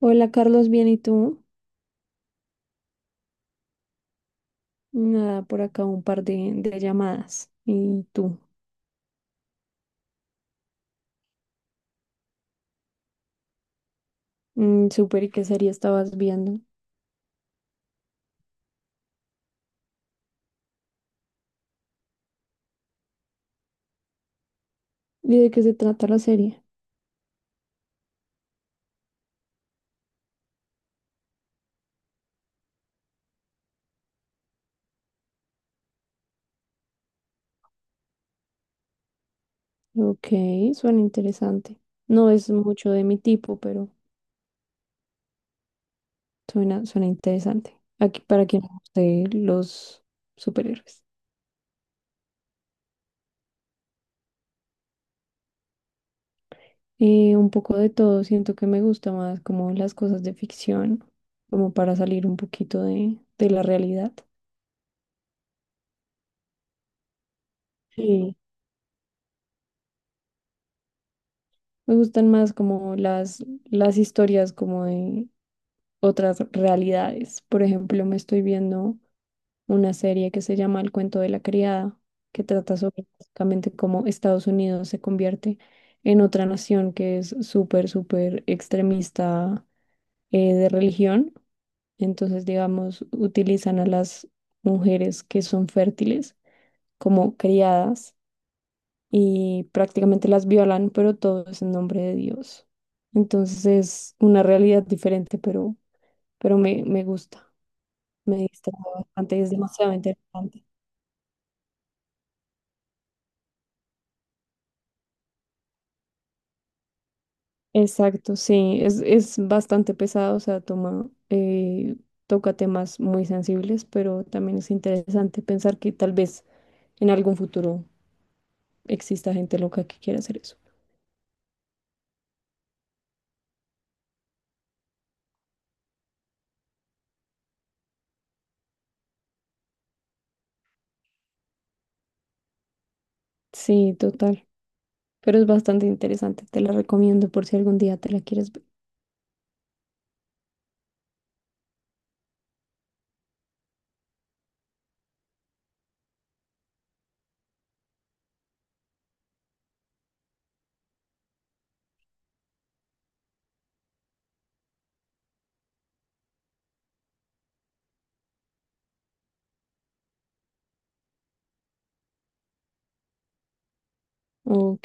Hola Carlos, bien, ¿y tú? Nada, por acá un par de llamadas. ¿Y tú? Mm, súper, ¿y qué serie estabas viendo? ¿Y de qué se trata la serie? Ok, suena interesante. No es mucho de mi tipo, pero suena interesante. Aquí para quien le guste los superhéroes. Un poco de todo, siento que me gusta más como las cosas de ficción, como para salir un poquito de la realidad. Sí. Me gustan más como las historias como de otras realidades. Por ejemplo, me estoy viendo una serie que se llama El cuento de la criada, que trata sobre básicamente cómo Estados Unidos se convierte en otra nación que es súper extremista de religión. Entonces, digamos, utilizan a las mujeres que son fértiles como criadas y prácticamente las violan, pero todo es en nombre de Dios. Entonces es una realidad diferente, pero, me gusta. Me distrajo bastante, es demasiado interesante. Exacto, sí, es bastante pesado, o sea, toma, toca temas muy sensibles, pero también es interesante pensar que tal vez en algún futuro exista gente loca que quiera hacer eso. Sí, total, pero es bastante interesante, te la recomiendo por si algún día te la quieres ver. Ok,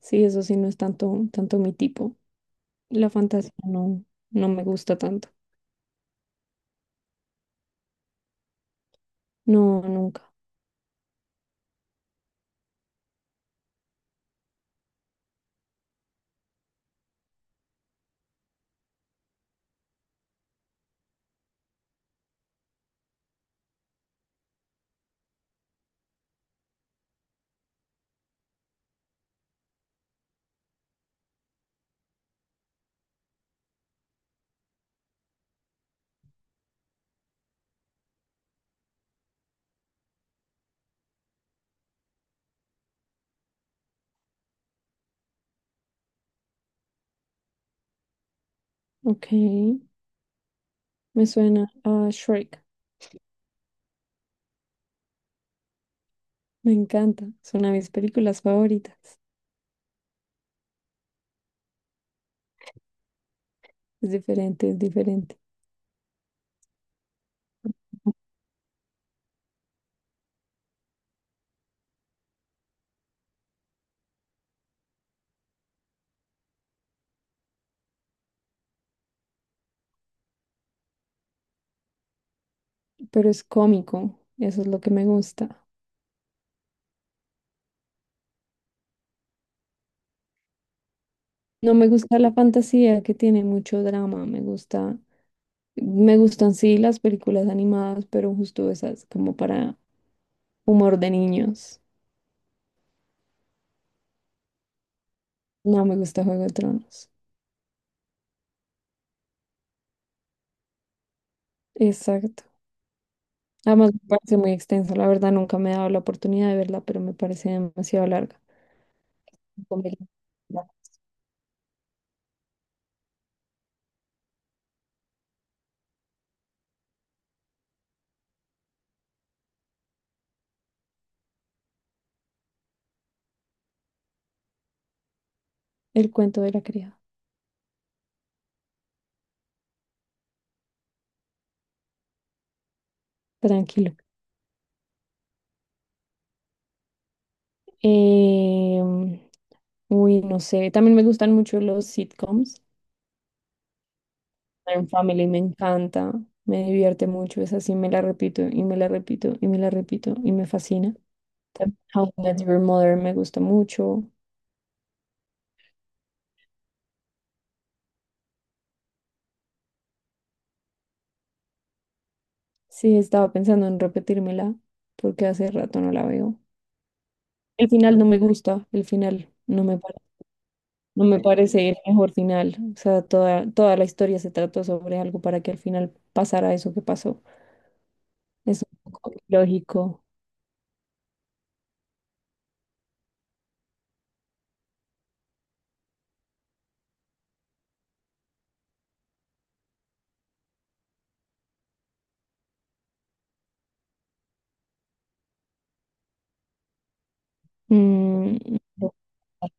sí, eso sí no es tanto mi tipo. La fantasía no, no me gusta tanto. No, nunca. Ok, me suena a Shrek. Me encanta. Es una de mis películas favoritas. Es diferente. Pero es cómico. Eso es lo que me gusta. No me gusta la fantasía que tiene mucho drama. Me gustan sí las películas animadas, pero justo esas como para humor de niños. No me gusta Juego de Tronos. Exacto. Además me parece muy extensa. La verdad nunca me he dado la oportunidad de verla, pero me parece demasiado larga. Con el cuento de la criada. Tranquilo. Em, no sé, también me gustan mucho los sitcoms. En Family me encanta, me divierte mucho, esa sí me la repito y me la repito y me la repito y me fascina. También How I Met Your Mother me gusta mucho. Sí, estaba pensando en repetírmela porque hace rato no la veo. El final no me gusta, el final no me, pare- no me parece el mejor final. O sea, toda la historia se trató sobre algo para que al final pasara eso que pasó. Es un poco lógico.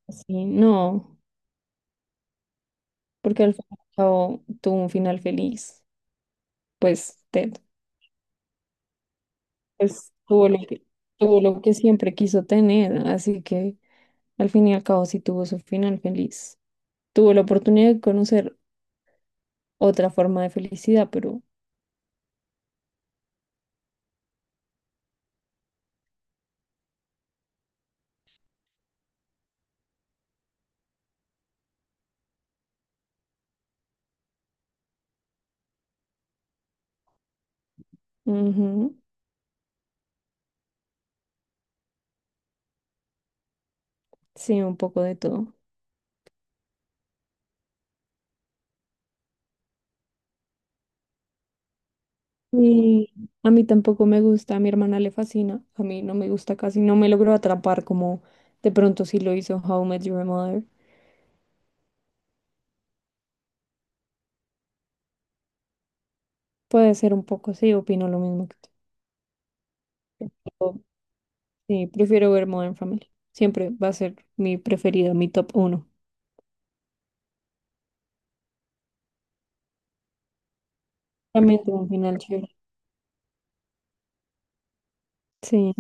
Sí, no, porque al fin y al cabo tuvo un final feliz, pues Ted, pues tuvo tuvo lo que siempre quiso tener, así que al fin y al cabo sí tuvo su final feliz. Tuvo la oportunidad de conocer otra forma de felicidad, pero ujú, sí, un poco de todo. Y a mí tampoco me gusta, a mi hermana le fascina, a mí no me gusta casi, no me logró atrapar como de pronto sí lo hizo How I Met Your Mother. Puede ser un poco, sí, opino lo mismo que tú. Sí, prefiero ver Modern Family. Siempre va a ser mi preferido, mi top uno. También tiene un final chévere. Sí,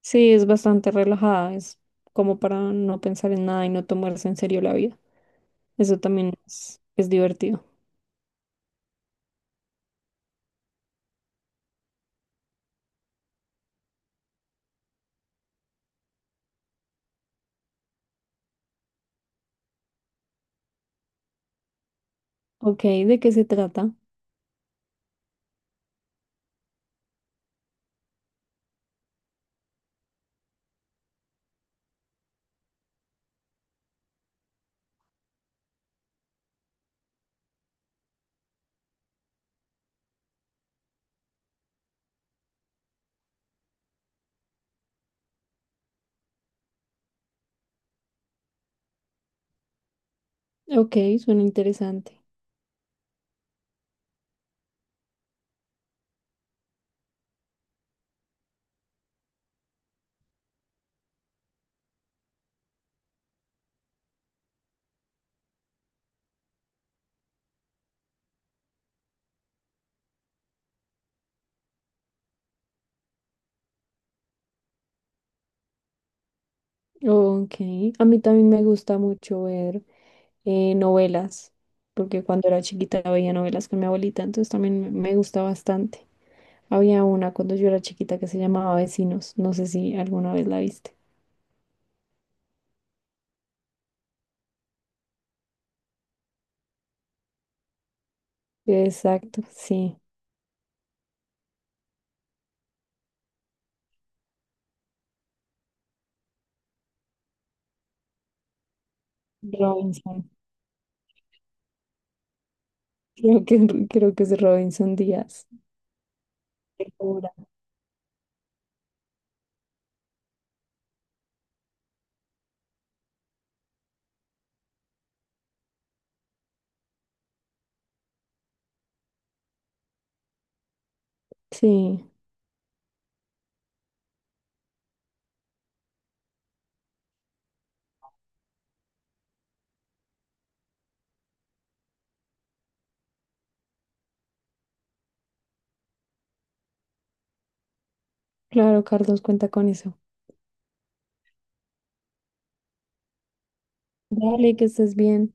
sí, es bastante relajada. Es como para no pensar en nada y no tomarse en serio la vida. Eso también es divertido. Ok, ¿de qué se trata? Ok, suena interesante. Ok, a mí también me gusta mucho ver novelas, porque cuando era chiquita veía novelas con mi abuelita, entonces también me gusta bastante. Había una cuando yo era chiquita que se llamaba Vecinos. No sé si alguna vez la viste. Exacto, sí. Robinson. Creo que es Robinson Díaz. Segura. Sí, claro, Carlos, cuenta con eso. Dale, que estés bien.